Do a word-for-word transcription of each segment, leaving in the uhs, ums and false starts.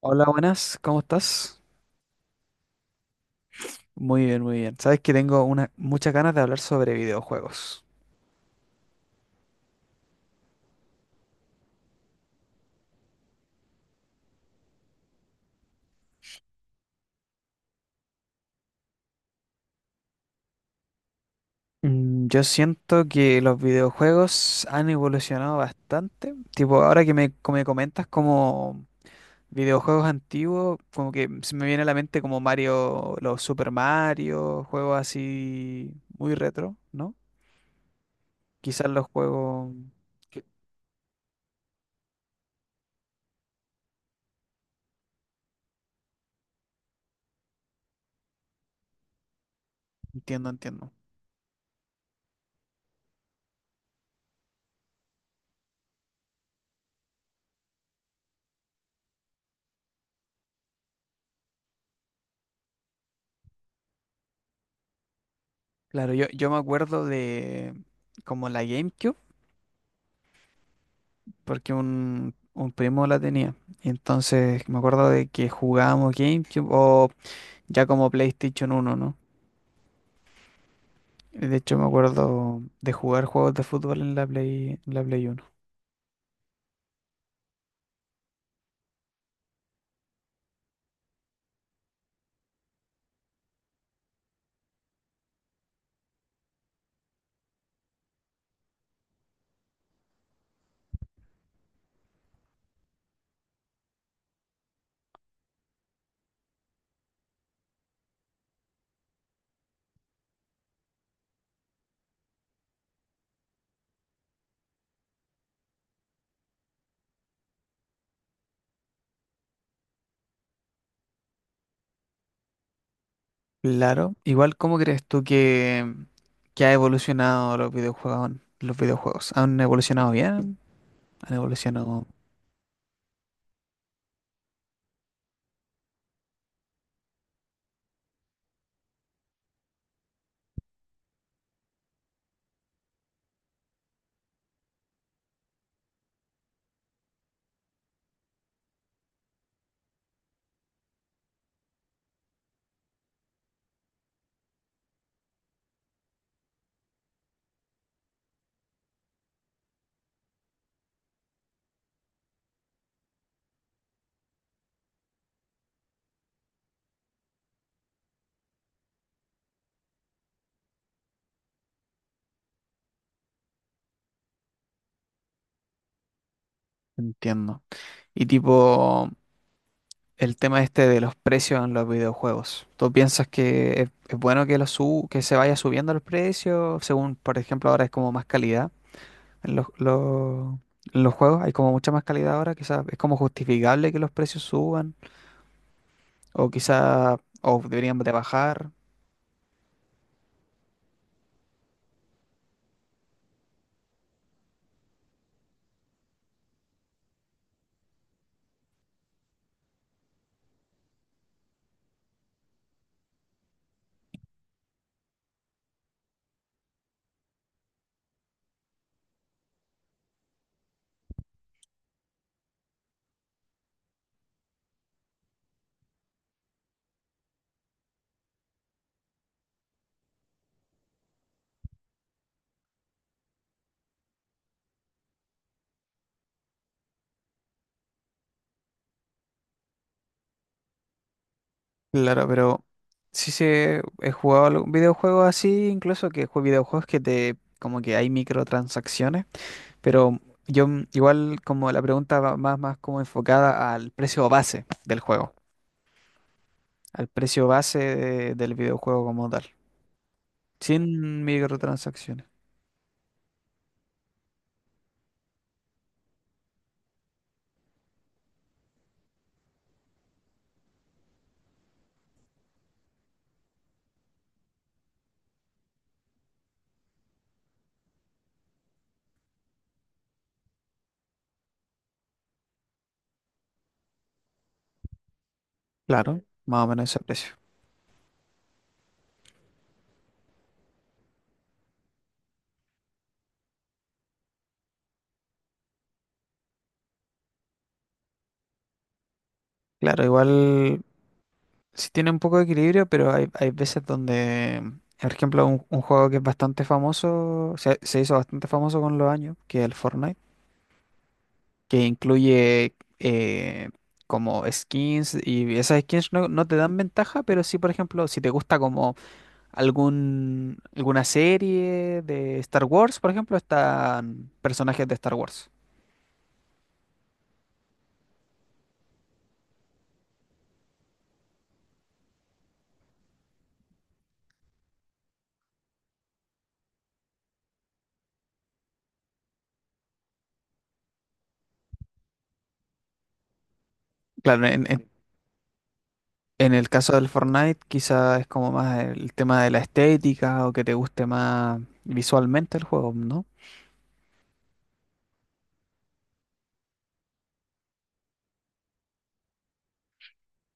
Hola, buenas, ¿cómo estás? Muy bien, muy bien. Sabes que tengo una, muchas ganas de hablar sobre videojuegos. Mm, Yo siento que los videojuegos han evolucionado bastante. Tipo, ahora que me, co- me comentas como videojuegos antiguos, como que se me viene a la mente como Mario, los Super Mario, juegos así muy retro, ¿no? Quizás los juegos. que- Entiendo, entiendo. Claro, yo, yo me acuerdo de como la GameCube, porque un, un primo la tenía. Y entonces me acuerdo de que jugábamos GameCube o ya como PlayStation uno, ¿no? De hecho me acuerdo de jugar juegos de fútbol en la Play, en la Play uno. Claro. Igual, ¿cómo crees tú que, que ha evolucionado los videojuegos? Los videojuegos. ¿Han evolucionado bien? ¿Han evolucionado? Entiendo. Y tipo, el tema este de los precios en los videojuegos. ¿Tú piensas que es, es bueno que, los su- que se vaya subiendo los precios? Según, por ejemplo, ahora es como más calidad en los, los, en los juegos, hay como mucha más calidad ahora, quizás es como justificable que los precios suban, o quizás o deberían de bajar. Claro, pero sí se he jugado algún videojuego así, incluso que jue- videojuegos que te como que hay microtransacciones. Pero yo mm, igual como la pregunta va más, más como enfocada al precio base del juego, al precio base de- del videojuego como tal, sin microtransacciones. Claro, más o menos ese precio. Claro, igual sí tiene un poco de equilibrio, pero hay, hay veces donde, por ejemplo, un, un juego que es bastante famoso, se, se hizo bastante famoso con los años, que es el Fortnite, que incluye eh, como skins y esas skins no, no te dan ventaja, pero sí, por ejemplo, si te gusta como ¿Algún, alguna serie de Star Wars, por ejemplo? Están personajes de Star Wars. Claro, en, en- en el caso del Fortnite quizá es como más el tema de la estética o que te guste más visualmente el juego, ¿no?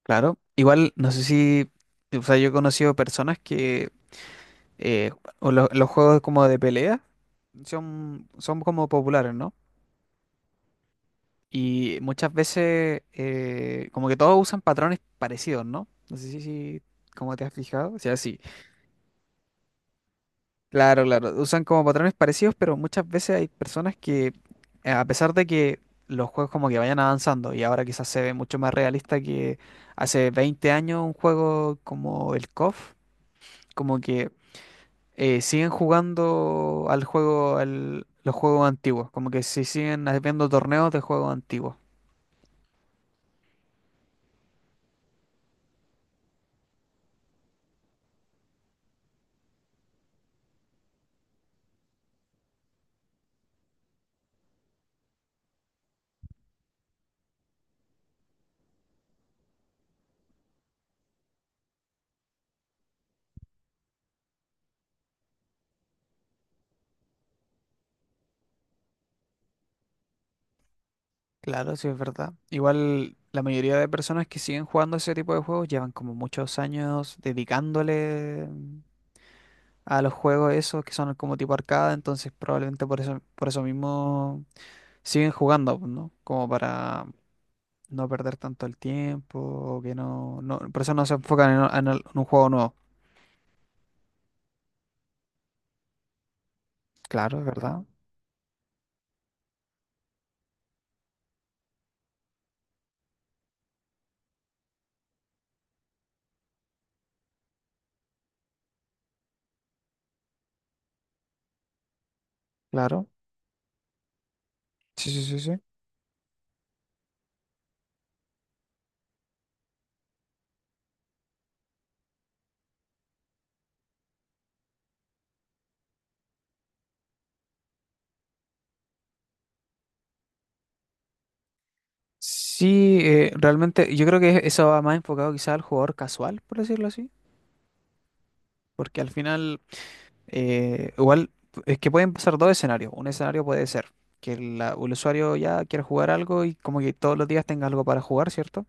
Claro. Igual, no sé si, o sea, yo he conocido personas que eh, o lo- los juegos como de pelea son, son como populares, ¿no? Y muchas veces, eh, como que todos usan patrones parecidos, ¿no? No sé si, si como te has fijado. O sea, sí. Claro, claro. Usan como patrones parecidos, pero muchas veces hay personas que, eh, a pesar de que los juegos como que vayan avanzando, y ahora quizás se ve mucho más realista que hace veinte años un juego como el CoF, como que eh, siguen jugando al juego, al- los juegos antiguos, como que se siguen haciendo torneos de juegos antiguos. Claro, sí es verdad. Igual la mayoría de personas que siguen jugando ese tipo de juegos llevan como muchos años dedicándole a los juegos esos que son como tipo arcada, entonces probablemente por eso, por eso mismo siguen jugando, pues, ¿no? Como para no perder tanto el tiempo, o que no, no, por eso no se enfocan en, en el- en un juego nuevo. Claro, es verdad. Claro. Sí, sí, sí, sí. Sí, eh, realmente yo creo que eso va más enfocado quizá al jugador casual, por decirlo así, porque al final, Eh, igual es que pueden pasar dos escenarios. Un escenario puede ser que la- el usuario ya quiera jugar algo y como que todos los días tenga algo para jugar, ¿cierto?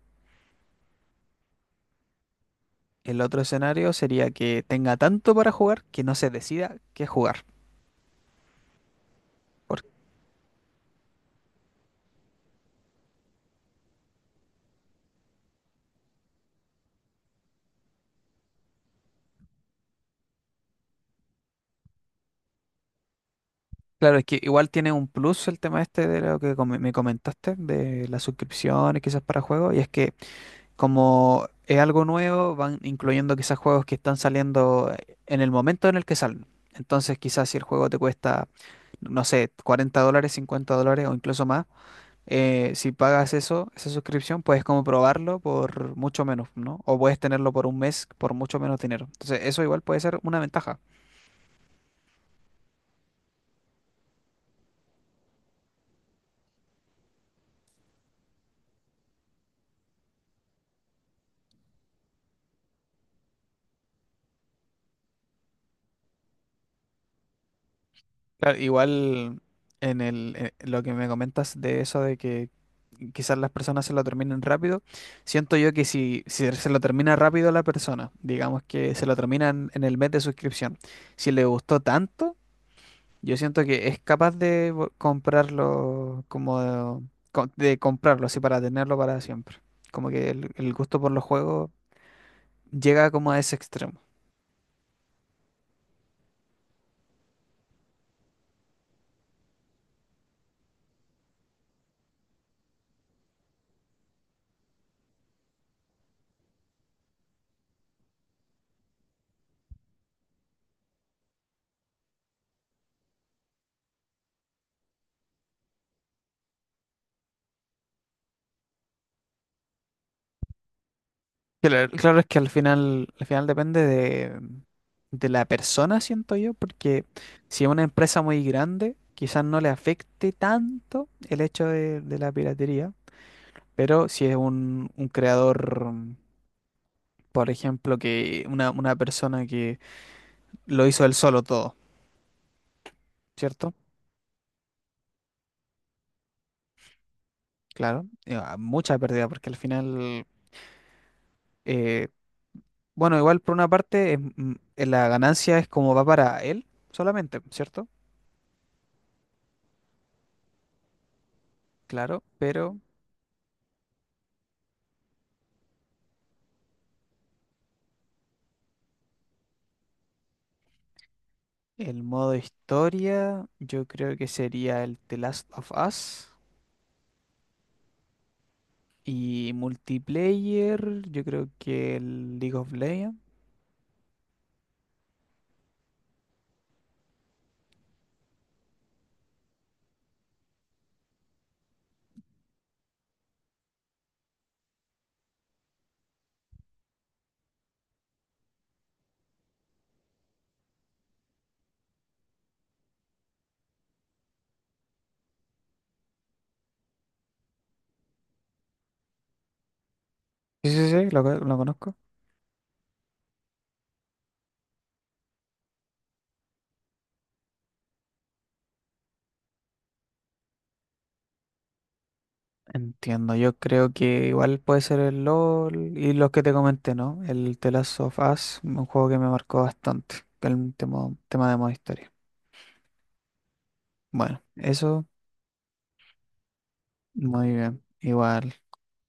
El otro escenario sería que tenga tanto para jugar que no se decida qué jugar. Porque, claro, es que igual tiene un plus el tema este de lo que com- me comentaste, de las suscripciones quizás para juegos, y es que como es algo nuevo, van incluyendo quizás juegos que están saliendo en el momento en el que salen. Entonces quizás si el juego te cuesta, no sé, cuarenta dólares, cincuenta dólares o incluso más, eh, si pagas eso, esa suscripción, puedes como probarlo por mucho menos, ¿no? O puedes tenerlo por un mes por mucho menos dinero. Entonces, eso igual puede ser una ventaja. Claro, igual en el, eh, lo que me comentas de eso de que quizás las personas se lo terminen rápido, siento yo que si, si se lo termina rápido la persona, digamos que se lo terminan en en el mes de suscripción, si le gustó tanto, yo siento que es capaz de vo- comprarlo, como de, co- de comprarlo así para tenerlo para siempre. Como que el, el gusto por los juegos llega como a ese extremo. Claro, claro es que al final, al final depende de, de la persona, siento yo, porque si es una empresa muy grande, quizás no le afecte tanto el hecho de, de la piratería, pero si es un, un creador, por ejemplo, que una, una persona que lo hizo él solo todo, ¿cierto? Claro, eh, ah, mucha pérdida, porque al final, eh, bueno, igual por una parte, es m- eh, la ganancia es como va para él solamente, ¿cierto? Claro, pero el modo historia yo creo que sería el The Last of Us y multiplayer, yo creo que el League of Legends. Sí, sí, sí, lo, co- lo conozco. Entiendo, yo creo que igual puede ser el L O L y los que te comenté, ¿no? El The Last of Us, un juego que me marcó bastante, el tema, tema de modo historia. Bueno, eso, muy bien, igual.